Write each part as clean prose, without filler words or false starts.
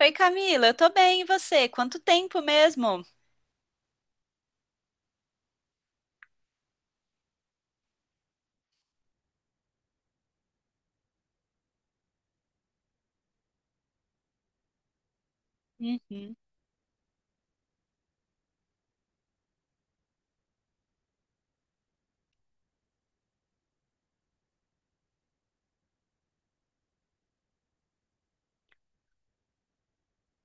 Oi, Camila, eu tô bem, e você? Quanto tempo mesmo? Uhum.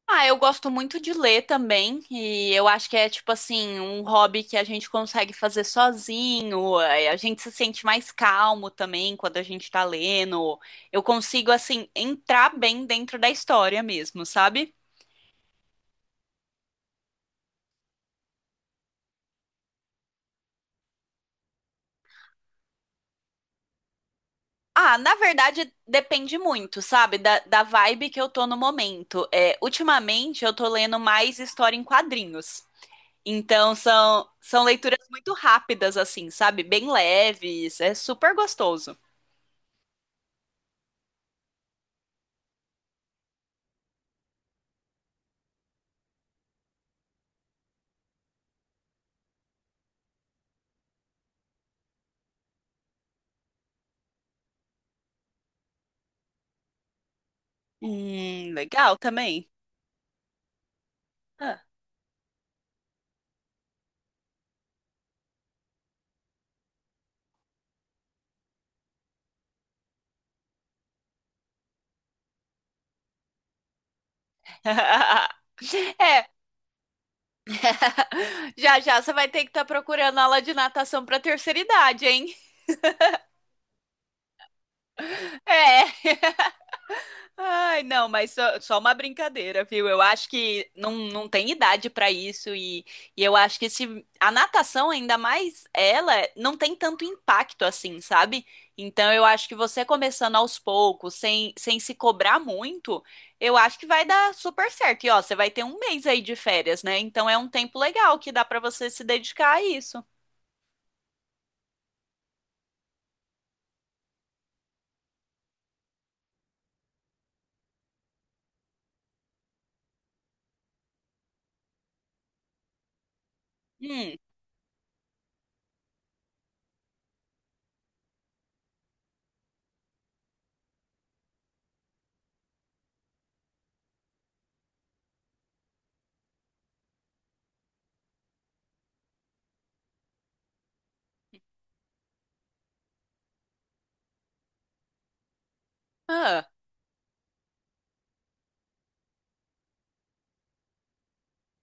Ah, eu gosto muito de ler também, e eu acho que é tipo assim, um hobby que a gente consegue fazer sozinho, é, a gente se sente mais calmo também quando a gente tá lendo. Eu consigo assim entrar bem dentro da história mesmo, sabe? Ah, na verdade depende muito, sabe, da vibe que eu tô no momento. É, ultimamente eu tô lendo mais história em quadrinhos. Então são leituras muito rápidas, assim, sabe? Bem leves, é super gostoso. Legal também. Ah. É, já já você vai ter que estar procurando aula de natação para terceira idade, hein? É. Ai, não, mas só uma brincadeira, viu? Eu acho que não tem idade pra isso, e eu acho que se a natação, ainda mais ela, não tem tanto impacto assim, sabe? Então eu acho que você começando aos poucos, sem se cobrar muito, eu acho que vai dar super certo. E ó, você vai ter um mês aí de férias, né? Então é um tempo legal que dá pra você se dedicar a isso. Hum. Ah.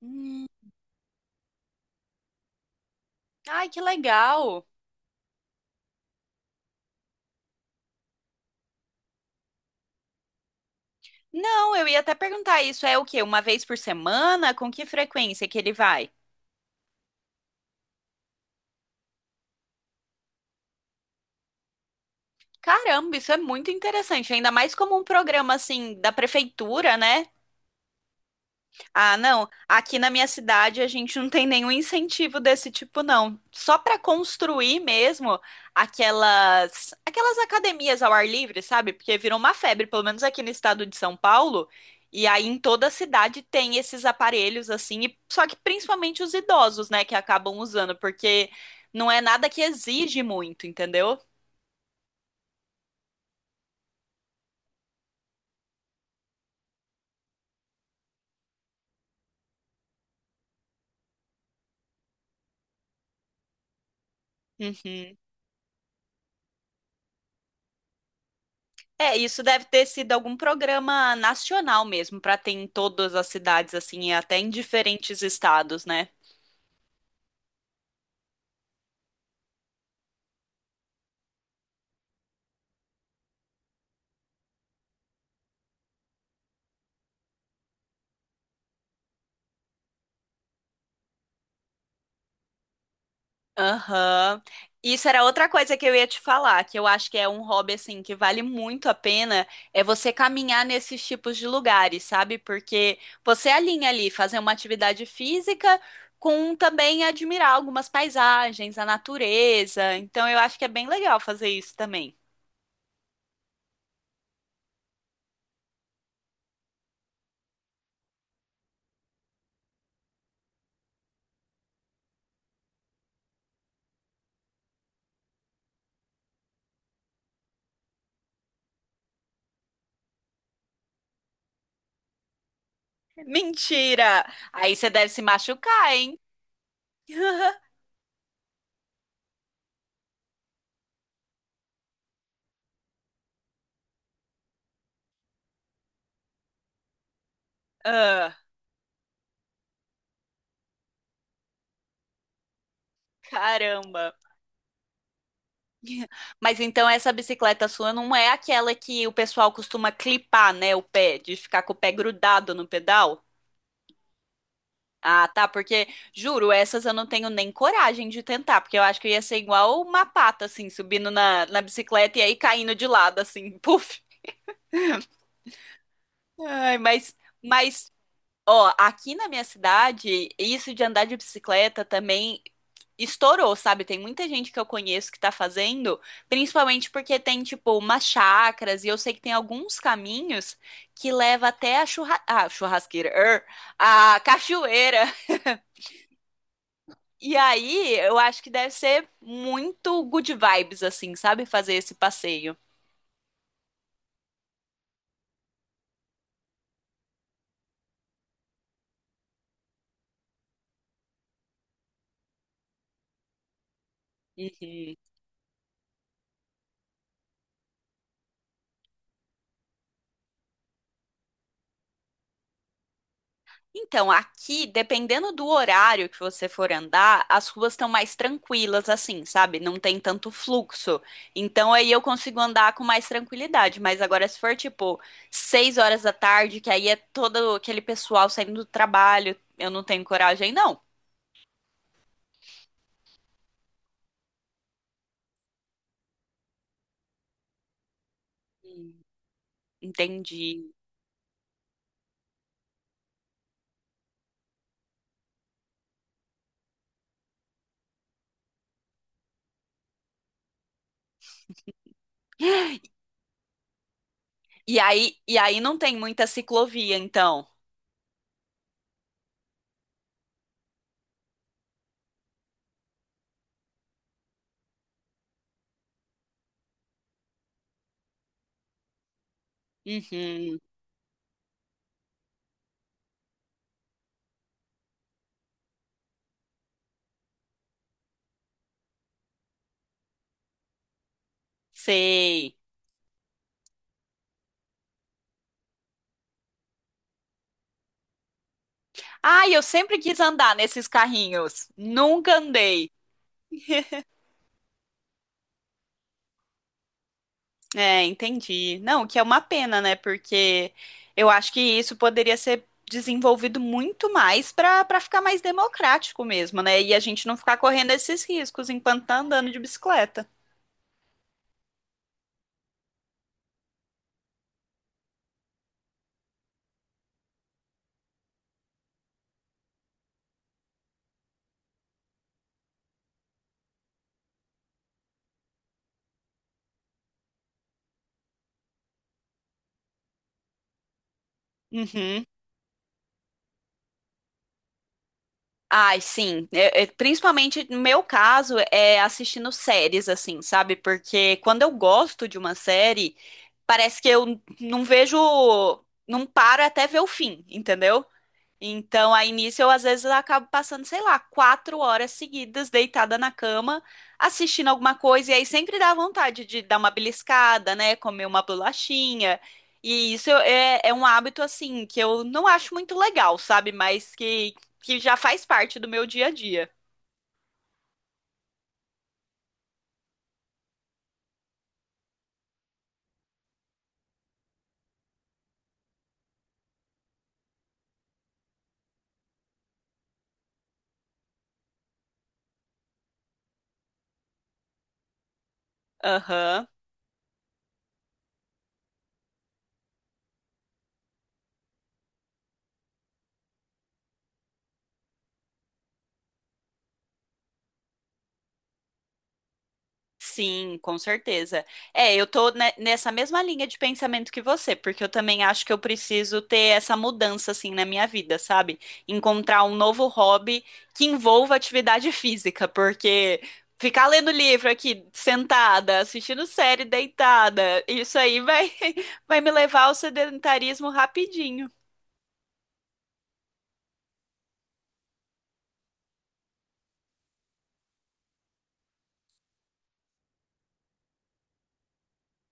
Hum. Ai, que legal. Não, eu ia até perguntar, isso é o quê? Uma vez por semana? Com que frequência que ele vai? Caramba, isso é muito interessante, ainda mais como um programa assim da prefeitura, né? Ah, não. Aqui na minha cidade a gente não tem nenhum incentivo desse tipo, não. Só para construir mesmo aquelas academias ao ar livre, sabe? Porque virou uma febre, pelo menos aqui no estado de São Paulo. E aí em toda a cidade tem esses aparelhos assim, só que principalmente os idosos, né, que acabam usando, porque não é nada que exige muito, entendeu? Uhum. É, isso deve ter sido algum programa nacional mesmo, para ter em todas as cidades, assim, e até em diferentes estados, né? Aham. Isso era outra coisa que eu ia te falar, que eu acho que é um hobby assim que vale muito a pena, é você caminhar nesses tipos de lugares, sabe? Porque você alinha ali fazer uma atividade física com também admirar algumas paisagens, a natureza. Então eu acho que é bem legal fazer isso também. Mentira! Aí você deve se machucar, hein? Ah, caramba. Mas então essa bicicleta sua não é aquela que o pessoal costuma clipar, né, o pé, de ficar com o pé grudado no pedal? Ah, tá, porque juro, essas eu não tenho nem coragem de tentar, porque eu acho que ia ser igual uma pata, assim, subindo na bicicleta e aí caindo de lado, assim, puf. Ai, mas, ó, aqui na minha cidade, isso de andar de bicicleta também estourou, sabe? Tem muita gente que eu conheço que tá fazendo, principalmente porque tem, tipo, umas chacras, e eu sei que tem alguns caminhos que leva até a churra... ah, churrasqueira, er, a cachoeira. E aí, eu acho que deve ser muito good vibes, assim, sabe? Fazer esse passeio. Uhum. Então, aqui, dependendo do horário que você for andar, as ruas estão mais tranquilas, assim, sabe? Não tem tanto fluxo. Então, aí eu consigo andar com mais tranquilidade. Mas agora, se for tipo 6 horas da tarde, que aí é todo aquele pessoal saindo do trabalho, eu não tenho coragem, não. Hum. Entendi. E aí não tem muita ciclovia, então. Uhum, sei. Ai, eu sempre quis andar nesses carrinhos. Nunca andei. É, entendi. Não, o que é uma pena, né? Porque eu acho que isso poderia ser desenvolvido muito mais para ficar mais democrático mesmo, né? E a gente não ficar correndo esses riscos enquanto tá andando de bicicleta. Uhum. Ai, sim. Principalmente no meu caso, é assistindo séries, assim, sabe? Porque quando eu gosto de uma série, parece que eu não vejo. Não paro até ver o fim, entendeu? Então, aí nisso eu às vezes acabo passando, sei lá, 4 horas seguidas deitada na cama, assistindo alguma coisa, e aí sempre dá vontade de dar uma beliscada, né? Comer uma bolachinha. E isso é um hábito, assim, que eu não acho muito legal, sabe? Mas que já faz parte do meu dia a dia. Aham. Sim, com certeza. É, eu tô nessa mesma linha de pensamento que você, porque eu também acho que eu preciso ter essa mudança assim na minha vida, sabe? Encontrar um novo hobby que envolva atividade física, porque ficar lendo livro aqui sentada, assistindo série deitada, isso aí vai vai me levar ao sedentarismo rapidinho.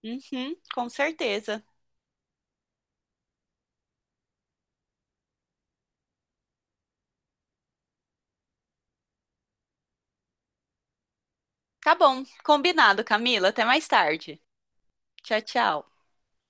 Uhum, com certeza. Tá bom, combinado, Camila. Até mais tarde. Tchau, tchau.